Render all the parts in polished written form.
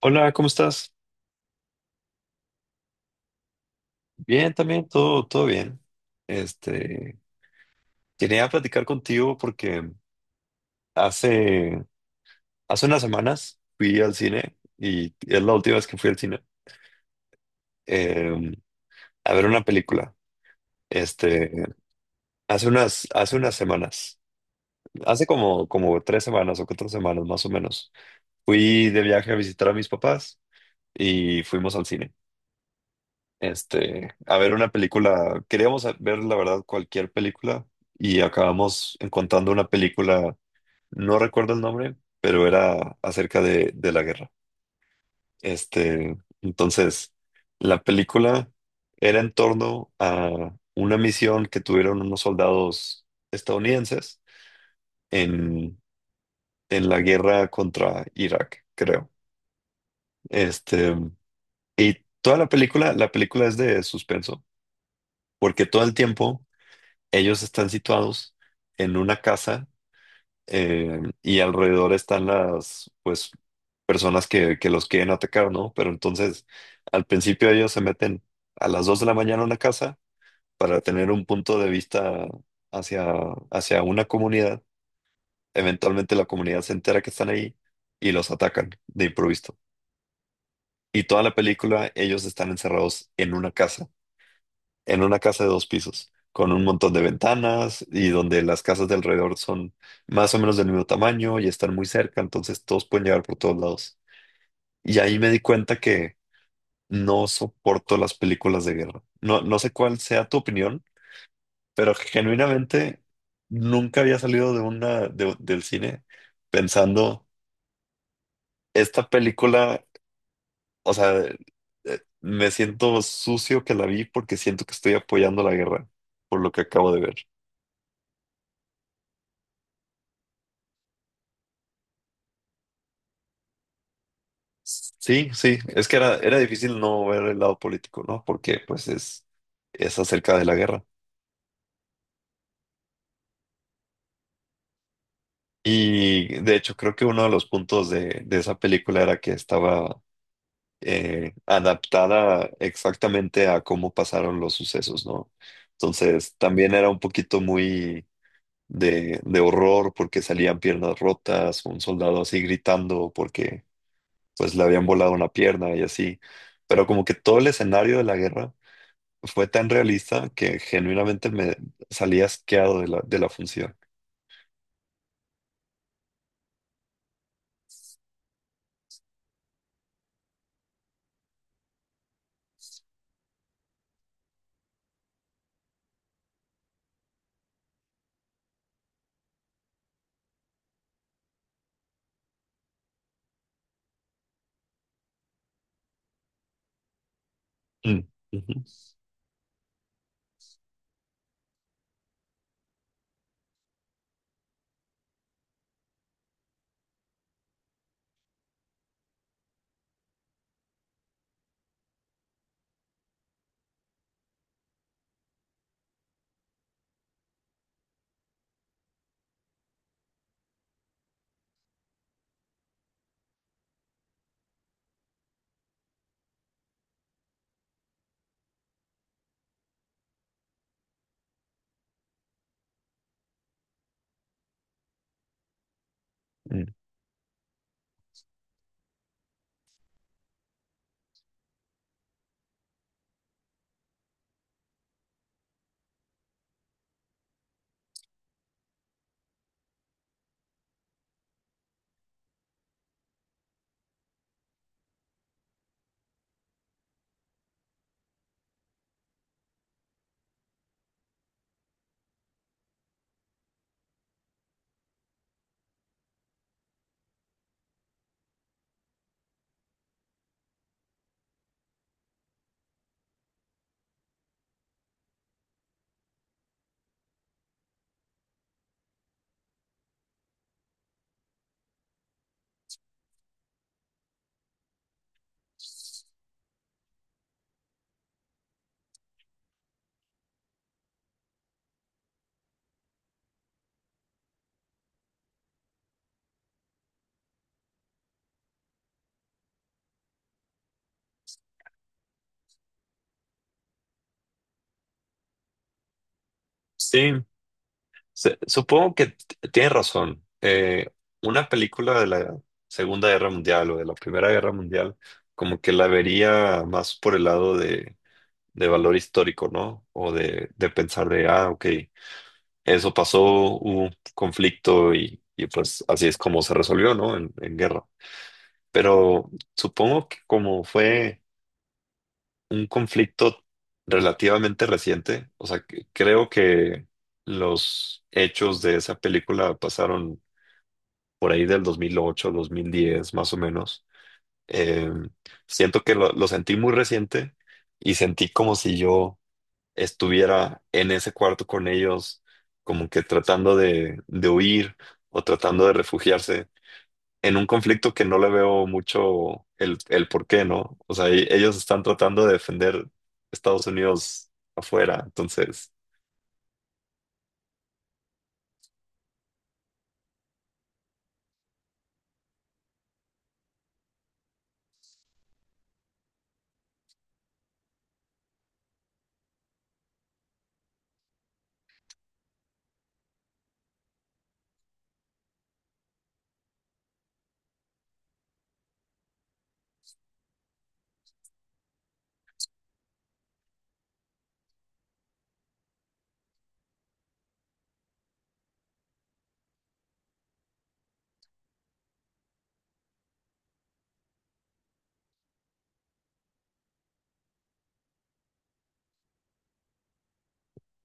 Hola, ¿cómo estás? Bien, también, todo bien. Este, quería platicar contigo porque hace, hace unas semanas fui al cine y es la última vez que fui al cine eh, a ver una película. Este, hace unas semanas, hace como 3 semanas o 4 semanas más o menos, fui de viaje a visitar a mis papás y fuimos al cine. A ver una película. Queríamos ver, la verdad, cualquier película y acabamos encontrando una película, no recuerdo el nombre, pero era acerca de la guerra. Este, entonces, la película era en torno a una misión que tuvieron unos soldados estadounidenses en, en la guerra contra Irak, creo. Este, y toda la película es de suspenso, porque todo el tiempo ellos están situados en una casa y alrededor están las, pues, personas que los quieren atacar, ¿no? Pero entonces, al principio ellos se meten a las 2 de la mañana a una casa para tener un punto de vista hacia, hacia una comunidad. Eventualmente la comunidad se entera que están ahí y los atacan de improviso. Y toda la película ellos están encerrados en una casa de dos pisos, con un montón de ventanas y donde las casas de alrededor son más o menos del mismo tamaño y están muy cerca, entonces todos pueden llegar por todos lados. Y ahí me di cuenta que no soporto las películas de guerra. No, no sé cuál sea tu opinión, pero genuinamente nunca había salido de una del cine pensando esta película, o sea, me siento sucio que la vi porque siento que estoy apoyando la guerra por lo que acabo de ver. Sí, sí, es que era difícil no ver el lado político, ¿no? Porque pues es acerca de la guerra. Y de hecho creo que uno de los puntos de esa película era que estaba adaptada exactamente a cómo pasaron los sucesos, ¿no? Entonces también era un poquito muy de horror porque salían piernas rotas, un soldado así gritando porque pues le habían volado una pierna y así. Pero como que todo el escenario de la guerra fue tan realista que genuinamente me salí asqueado de de la función. Mm, ujú, mm. Sí, supongo que tienes razón. Una película de la Segunda Guerra Mundial o de la Primera Guerra Mundial, como que la vería más por el lado de valor histórico, ¿no? O de pensar de, ah, ok, eso pasó, hubo un conflicto y pues así es como se resolvió, ¿no? En guerra. Pero supongo que como fue un conflicto relativamente reciente. O sea, creo que los hechos de esa película pasaron por ahí del 2008 2010 más o menos. Eh, siento que lo sentí muy reciente y sentí como si yo estuviera en ese cuarto con ellos, como que tratando de huir o tratando de refugiarse en un conflicto que no le veo mucho el por qué, ¿no? O sea, ellos están tratando de defender Estados Unidos afuera, entonces,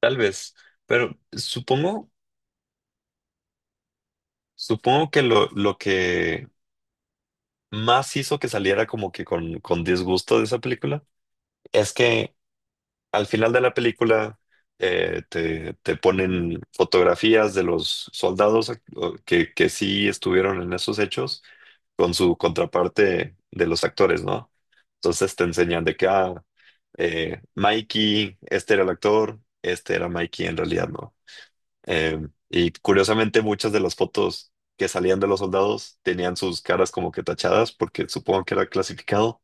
tal vez, pero supongo, supongo que lo que más hizo que saliera como que con disgusto de esa película es que al final de la película te ponen fotografías de los soldados que sí estuvieron en esos hechos con su contraparte de los actores, ¿no? Entonces te enseñan de que, ah, Mikey, este era el actor, este era Mikey en realidad, ¿no? Eh, y curiosamente muchas de las fotos que salían de los soldados tenían sus caras como que tachadas porque supongo que era clasificado,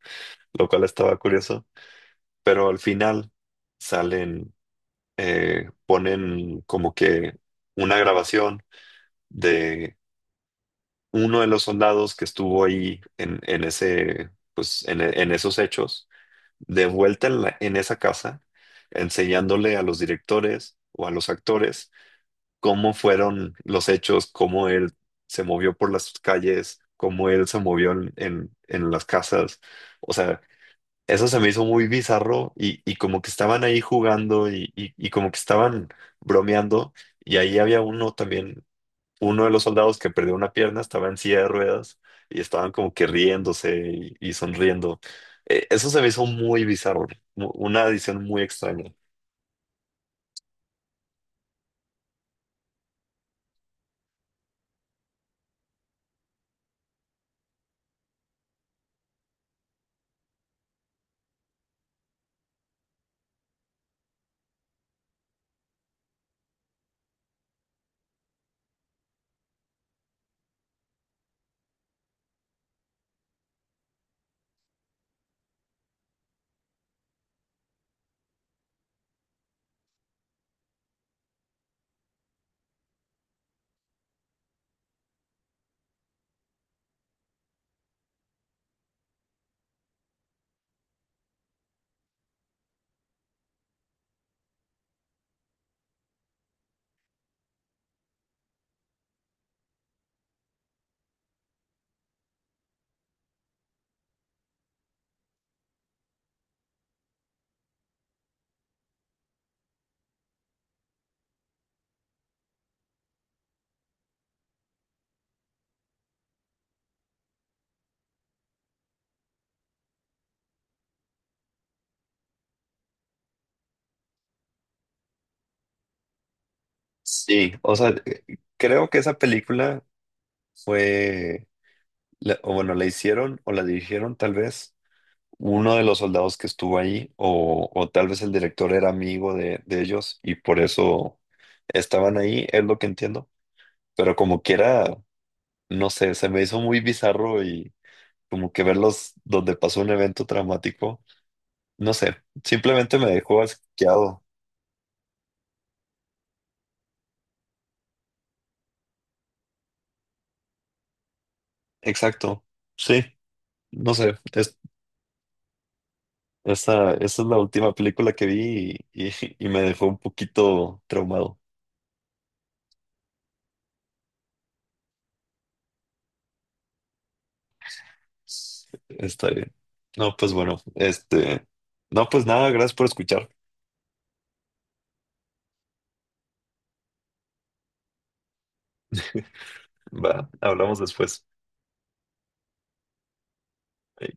lo cual estaba curioso, pero al final salen ponen como que una grabación de uno de los soldados que estuvo ahí en ese, pues, en esos hechos, de vuelta en, en esa casa, enseñándole a los directores o a los actores cómo fueron los hechos, cómo él se movió por las calles, cómo él se movió en las casas. O sea, eso se me hizo muy bizarro y como que estaban ahí jugando y como que estaban bromeando y ahí había uno también, uno de los soldados que perdió una pierna, estaba en silla de ruedas y estaban como que riéndose y sonriendo. Eso se me hizo muy bizarro, una edición muy extraña. Sí, o sea, creo que esa película fue, o bueno, la hicieron o la dirigieron tal vez uno de los soldados que estuvo ahí, o tal vez el director era amigo de ellos y por eso estaban ahí, es lo que entiendo. Pero como quiera, no sé, se me hizo muy bizarro y como que verlos donde pasó un evento traumático, no sé, simplemente me dejó asqueado. Exacto, sí, no sé, es, esa es la última película que vi y, y me dejó un poquito traumado. Está bien. No, pues bueno. No, pues nada, gracias por escuchar. Va, hablamos después. Ahí.